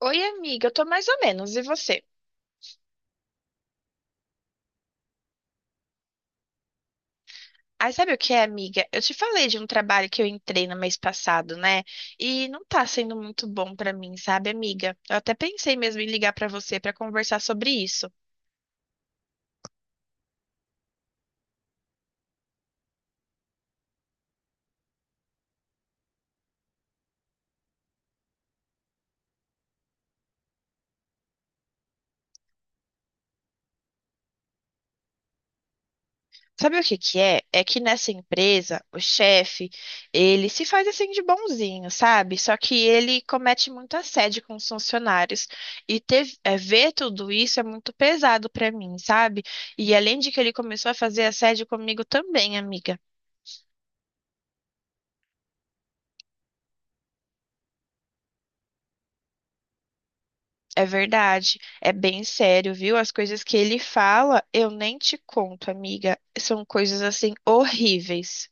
Oi, amiga, eu tô mais ou menos, e você? Aí sabe o que é, amiga? Eu te falei de um trabalho que eu entrei no mês passado, né? E não tá sendo muito bom pra mim, sabe, amiga? Eu até pensei mesmo em ligar pra você pra conversar sobre isso. Sabe o que que é? É que nessa empresa, o chefe, ele se faz assim de bonzinho, sabe? Só que ele comete muito assédio com os funcionários. E ver tudo isso é muito pesado pra mim, sabe? E além de que ele começou a fazer assédio comigo também, amiga. É verdade, é bem sério, viu? As coisas que ele fala, eu nem te conto, amiga. São coisas assim horríveis.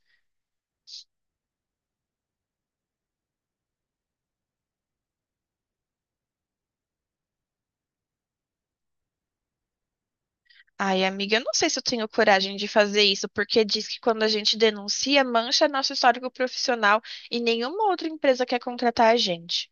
Ai, amiga, eu não sei se eu tenho coragem de fazer isso, porque diz que quando a gente denuncia, mancha nosso histórico profissional e nenhuma outra empresa quer contratar a gente.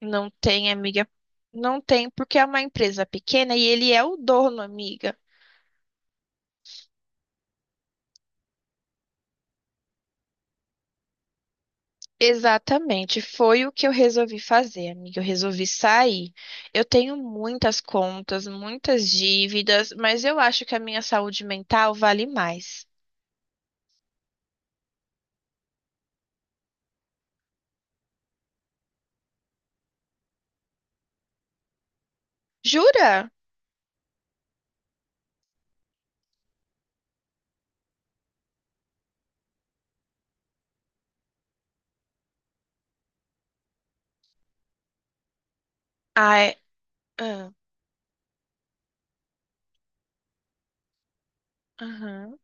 Não tem, amiga. Não tem, porque é uma empresa pequena e ele é o dono, amiga. Exatamente, foi o que eu resolvi fazer, amiga. Eu resolvi sair. Eu tenho muitas contas, muitas dívidas, mas eu acho que a minha saúde mental vale mais. Jura? Ai, ah, aham.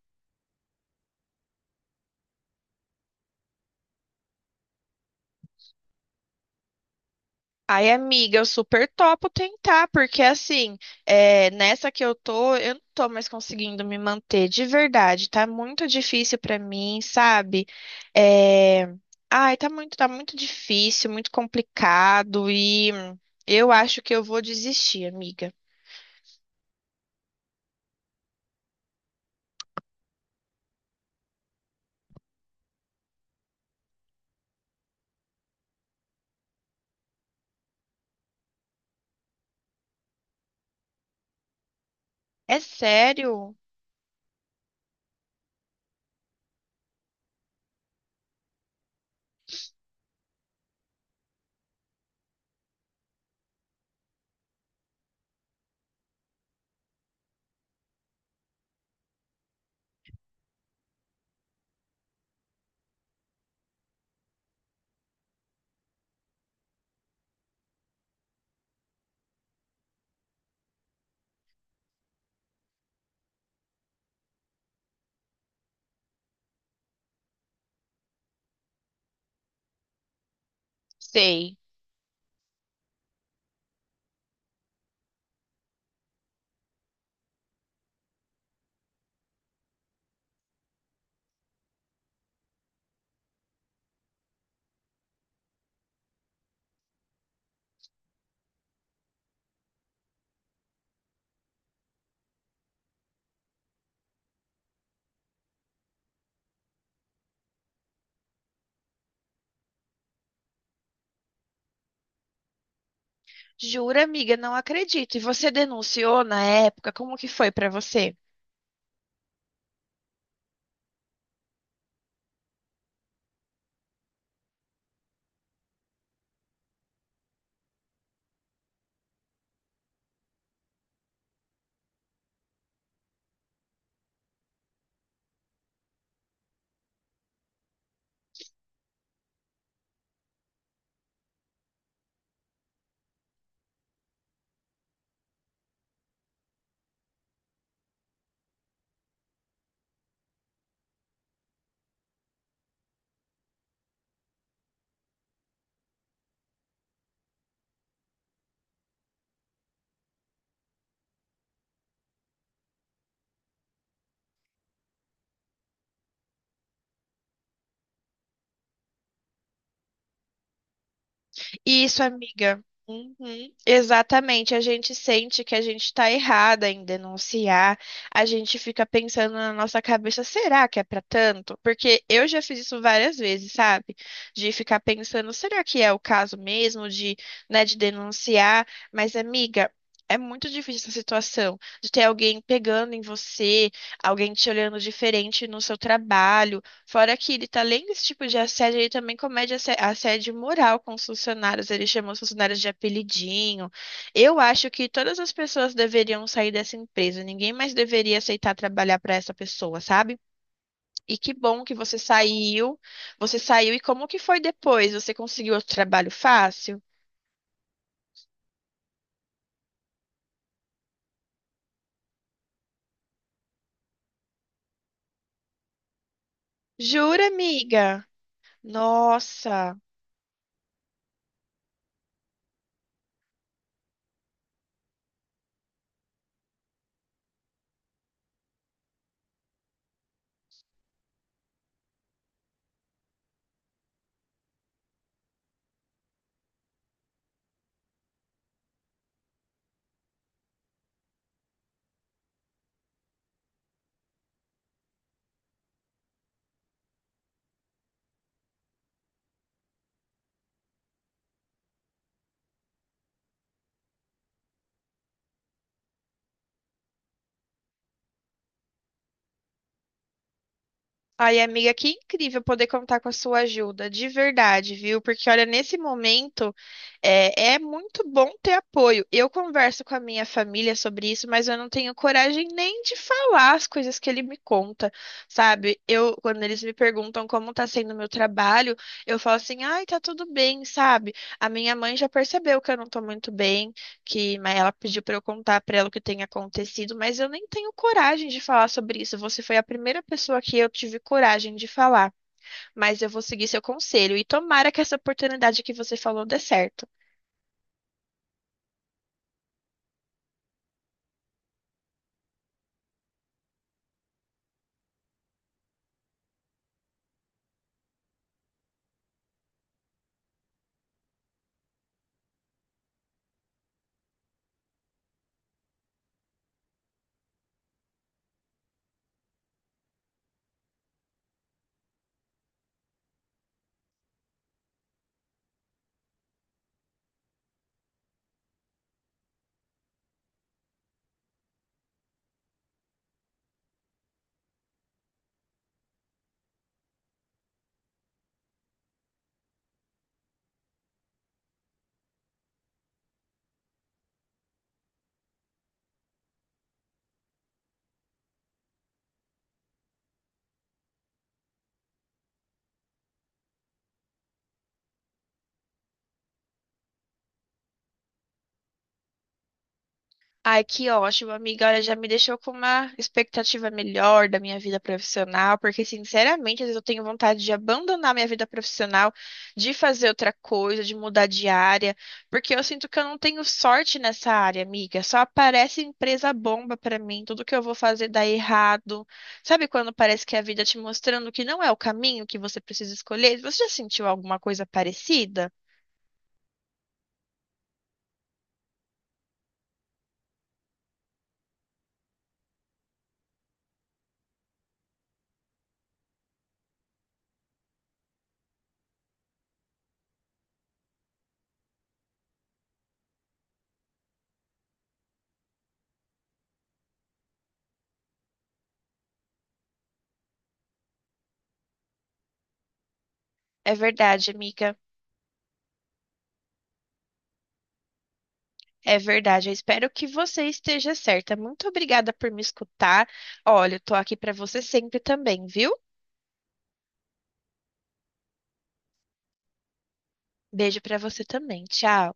Ai, amiga, eu super topo tentar, porque assim, nessa que eu tô, eu não tô mais conseguindo me manter de verdade. Tá muito difícil pra mim, sabe? É, tá muito, tá muito difícil, muito complicado e eu acho que eu vou desistir, amiga. É sério? Sei. Jura, amiga, não acredito. E você denunciou na época? Como que foi pra você? Isso, amiga. Uhum, exatamente. A gente sente que a gente está errada em denunciar. A gente fica pensando na nossa cabeça, será que é para tanto? Porque eu já fiz isso várias vezes, sabe? De ficar pensando, será que é o caso mesmo né, de denunciar? Mas, amiga, é muito difícil essa situação de ter alguém pegando em você, alguém te olhando diferente no seu trabalho. Fora que ele, tá, além desse tipo de assédio, ele também comete assédio moral com os funcionários. Ele chama os funcionários de apelidinho. Eu acho que todas as pessoas deveriam sair dessa empresa. Ninguém mais deveria aceitar trabalhar para essa pessoa, sabe? E que bom que você saiu. Você saiu e como que foi depois? Você conseguiu outro trabalho fácil? Jura, amiga? Nossa. Ai, amiga, que incrível poder contar com a sua ajuda, de verdade, viu? Porque, olha, nesse momento é muito bom ter apoio. Eu converso com a minha família sobre isso, mas eu não tenho coragem nem de falar as coisas que ele me conta, sabe? Eu, quando eles me perguntam como tá sendo o meu trabalho, eu falo assim, ai, tá tudo bem, sabe? A minha mãe já percebeu que eu não tô muito bem que mas ela pediu para eu contar para ela o que tem acontecido, mas eu nem tenho coragem de falar sobre isso. Você foi a primeira pessoa que eu tive coragem de falar, mas eu vou seguir seu conselho e tomara que essa oportunidade que você falou dê certo. Ai, que ótimo, amiga. Olha, já me deixou com uma expectativa melhor da minha vida profissional, porque, sinceramente, às vezes eu tenho vontade de abandonar minha vida profissional, de fazer outra coisa, de mudar de área, porque eu sinto que eu não tenho sorte nessa área, amiga. Só aparece empresa bomba pra mim, tudo que eu vou fazer dá errado. Sabe quando parece que a vida te mostrando que não é o caminho que você precisa escolher? Você já sentiu alguma coisa parecida? É verdade, amiga. É verdade, eu espero que você esteja certa. Muito obrigada por me escutar. Olha, eu tô aqui pra você sempre também, viu? Beijo pra você também. Tchau.